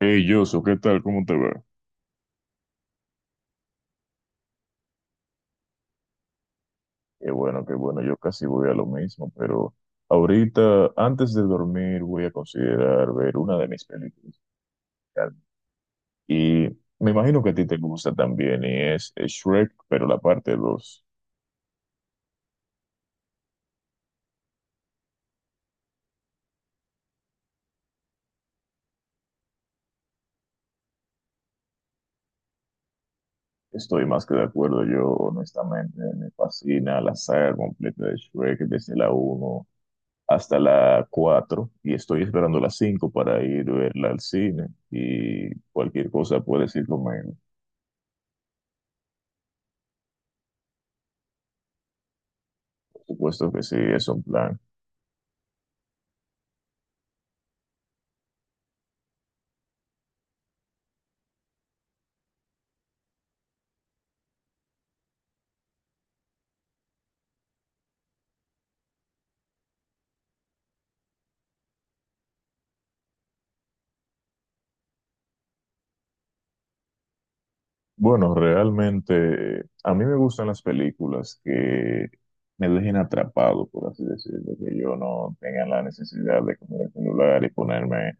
Hey, Yoso, ¿qué tal? ¿Cómo te va? Qué bueno, yo casi voy a lo mismo, pero ahorita, antes de dormir, voy a considerar ver una de mis películas. Y me imagino que a ti te gusta también, y es Shrek, pero la parte dos. Estoy más que de acuerdo, yo honestamente me fascina la saga completa de Shrek, desde la uno hasta la cuatro, y estoy esperando la 5 para ir a verla al cine, y cualquier cosa puedes ir conmigo. Por supuesto que sí, es un plan. Bueno, realmente a mí me gustan las películas que me dejen atrapado, por así decirlo, que yo no tenga la necesidad de comer el celular y ponerme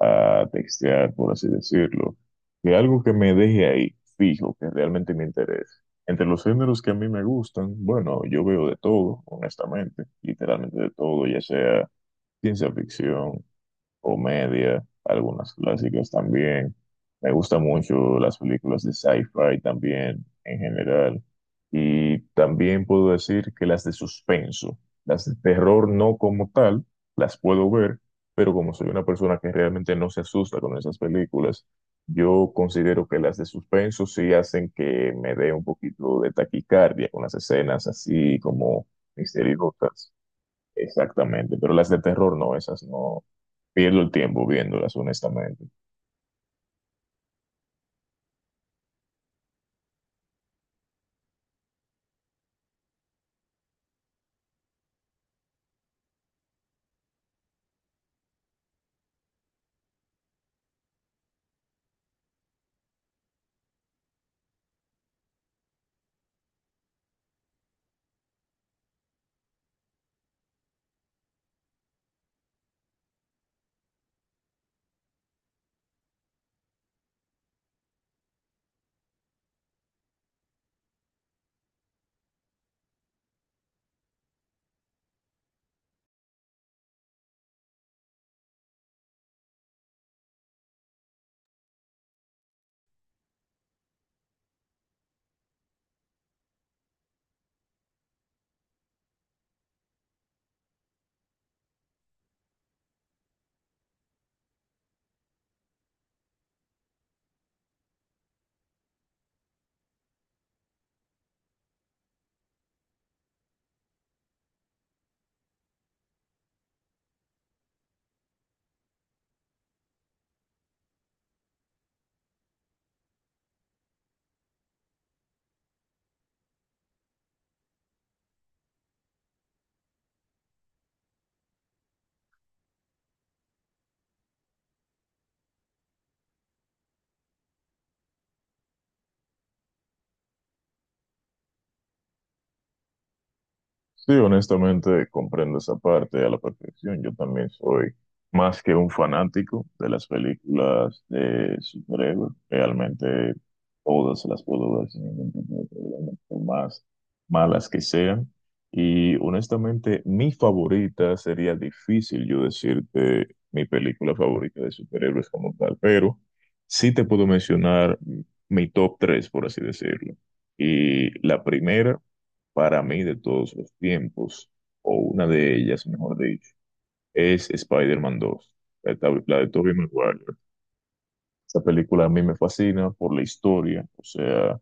a textear, por así decirlo, que algo que me deje ahí fijo, que realmente me interese. Entre los géneros que a mí me gustan, bueno, yo veo de todo, honestamente, literalmente de todo, ya sea ciencia ficción, comedia, algunas clásicas también. Me gustan mucho las películas de sci-fi también en general. Y también puedo decir que las de suspenso, las de terror no como tal, las puedo ver, pero como soy una persona que realmente no se asusta con esas películas, yo considero que las de suspenso sí hacen que me dé un poquito de taquicardia con las escenas así como misteriosas. Exactamente, pero las de terror no, esas no pierdo el tiempo viéndolas, honestamente. Sí, honestamente comprendo esa parte a la perfección. Yo también soy más que un fanático de las películas de superhéroes. Realmente todas las puedo ver sin ningún tipo de problema, por más malas que sean. Y honestamente, mi favorita sería difícil yo decirte mi película favorita de superhéroes como tal, pero sí te puedo mencionar mi top 3, por así decirlo. Y la primera para mí de todos los tiempos, o una de ellas, mejor dicho, es Spider-Man 2, la de, la de Tobey Maguire. Esa película a mí me fascina por la historia, o sea,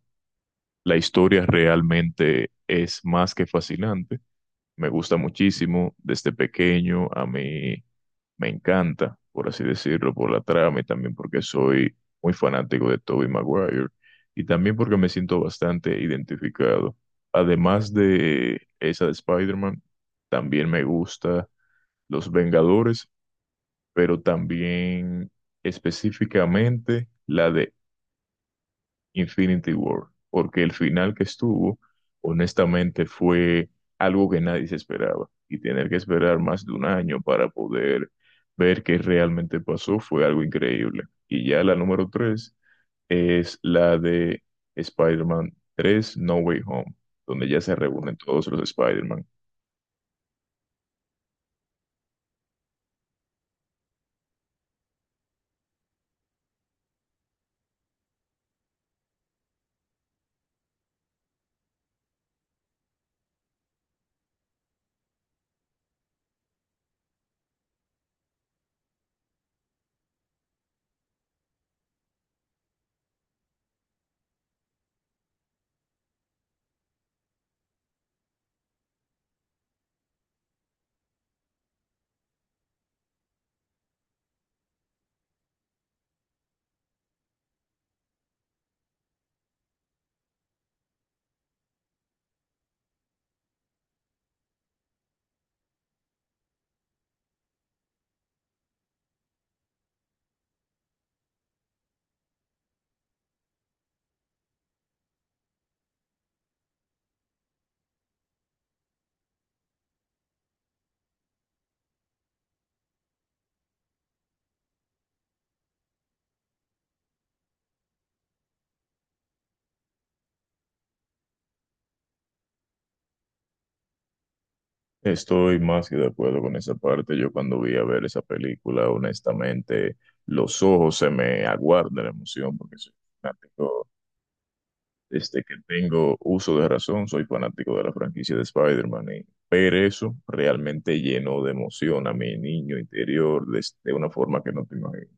la historia realmente es más que fascinante, me gusta muchísimo desde pequeño, a mí me encanta, por así decirlo, por la trama y también porque soy muy fanático de Tobey Maguire y también porque me siento bastante identificado. Además de esa de Spider-Man, también me gusta Los Vengadores, pero también específicamente la de Infinity War, porque el final que estuvo, honestamente, fue algo que nadie se esperaba. Y tener que esperar más de un año para poder ver qué realmente pasó fue algo increíble. Y ya la número tres es la de Spider-Man 3 No Way Home, donde ya se reúnen todos los Spider-Man. Estoy más que de acuerdo con esa parte. Yo cuando vi a ver esa película, honestamente, los ojos se me aguardan la emoción porque soy fanático. Desde que tengo uso de razón, soy fanático de la franquicia de Spider-Man y ver eso realmente llenó de emoción a mi niño interior de una forma que no te imaginas.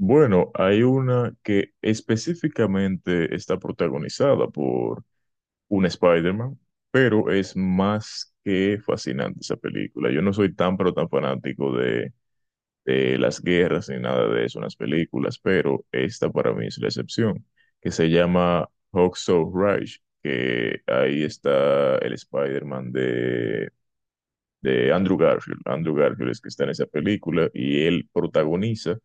Bueno, hay una que específicamente está protagonizada por un Spider-Man, pero es más que fascinante esa película. Yo no soy tan, pero tan fanático de las guerras ni nada de eso en las películas, pero esta para mí es la excepción, que se llama Hacksaw Ridge, que ahí está el Spider-Man de Andrew Garfield. Andrew Garfield es que está en esa película y él protagoniza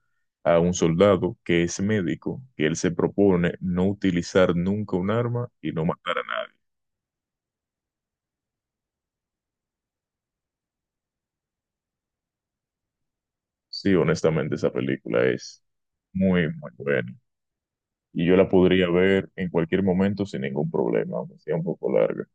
a un soldado que es médico, que él se propone no utilizar nunca un arma y no matar a nadie. Sí, honestamente esa película es muy, muy buena. Y yo la podría ver en cualquier momento sin ningún problema, aunque sea un poco larga.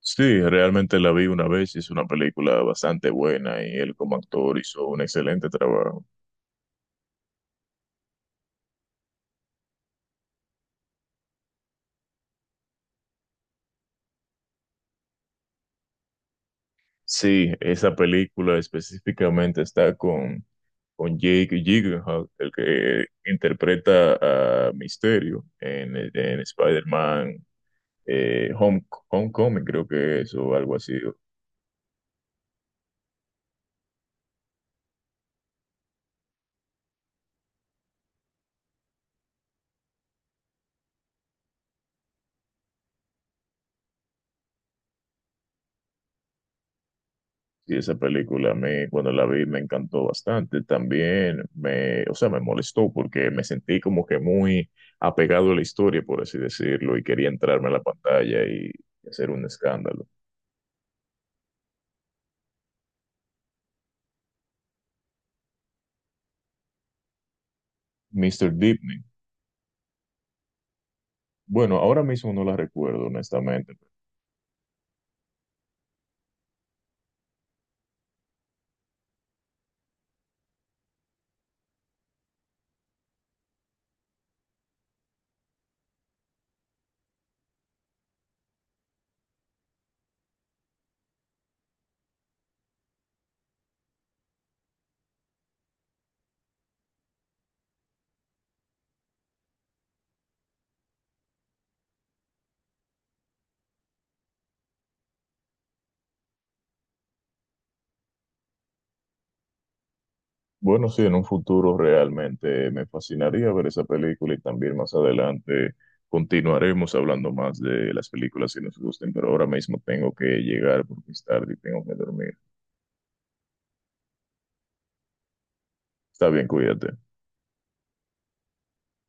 Sí, realmente la vi una vez y es una película bastante buena y él como actor hizo un excelente trabajo. Sí, esa película específicamente está con Jake Gyllenhaal, el que interpreta a Misterio en Spider-Man Home, Homecoming, creo que es, o algo así. Sí, esa película a mí cuando la vi me encantó bastante. También me, o sea, me molestó porque me sentí como que muy apegado a la historia, por así decirlo, y quería entrarme a la pantalla y hacer un escándalo. Mr. Deepney. Bueno, ahora mismo no la recuerdo, honestamente. Bueno, sí, en un futuro realmente me fascinaría ver esa película y también más adelante continuaremos hablando más de las películas que nos gusten, pero ahora mismo tengo que llegar porque es tarde y tengo que dormir. Está bien, cuídate.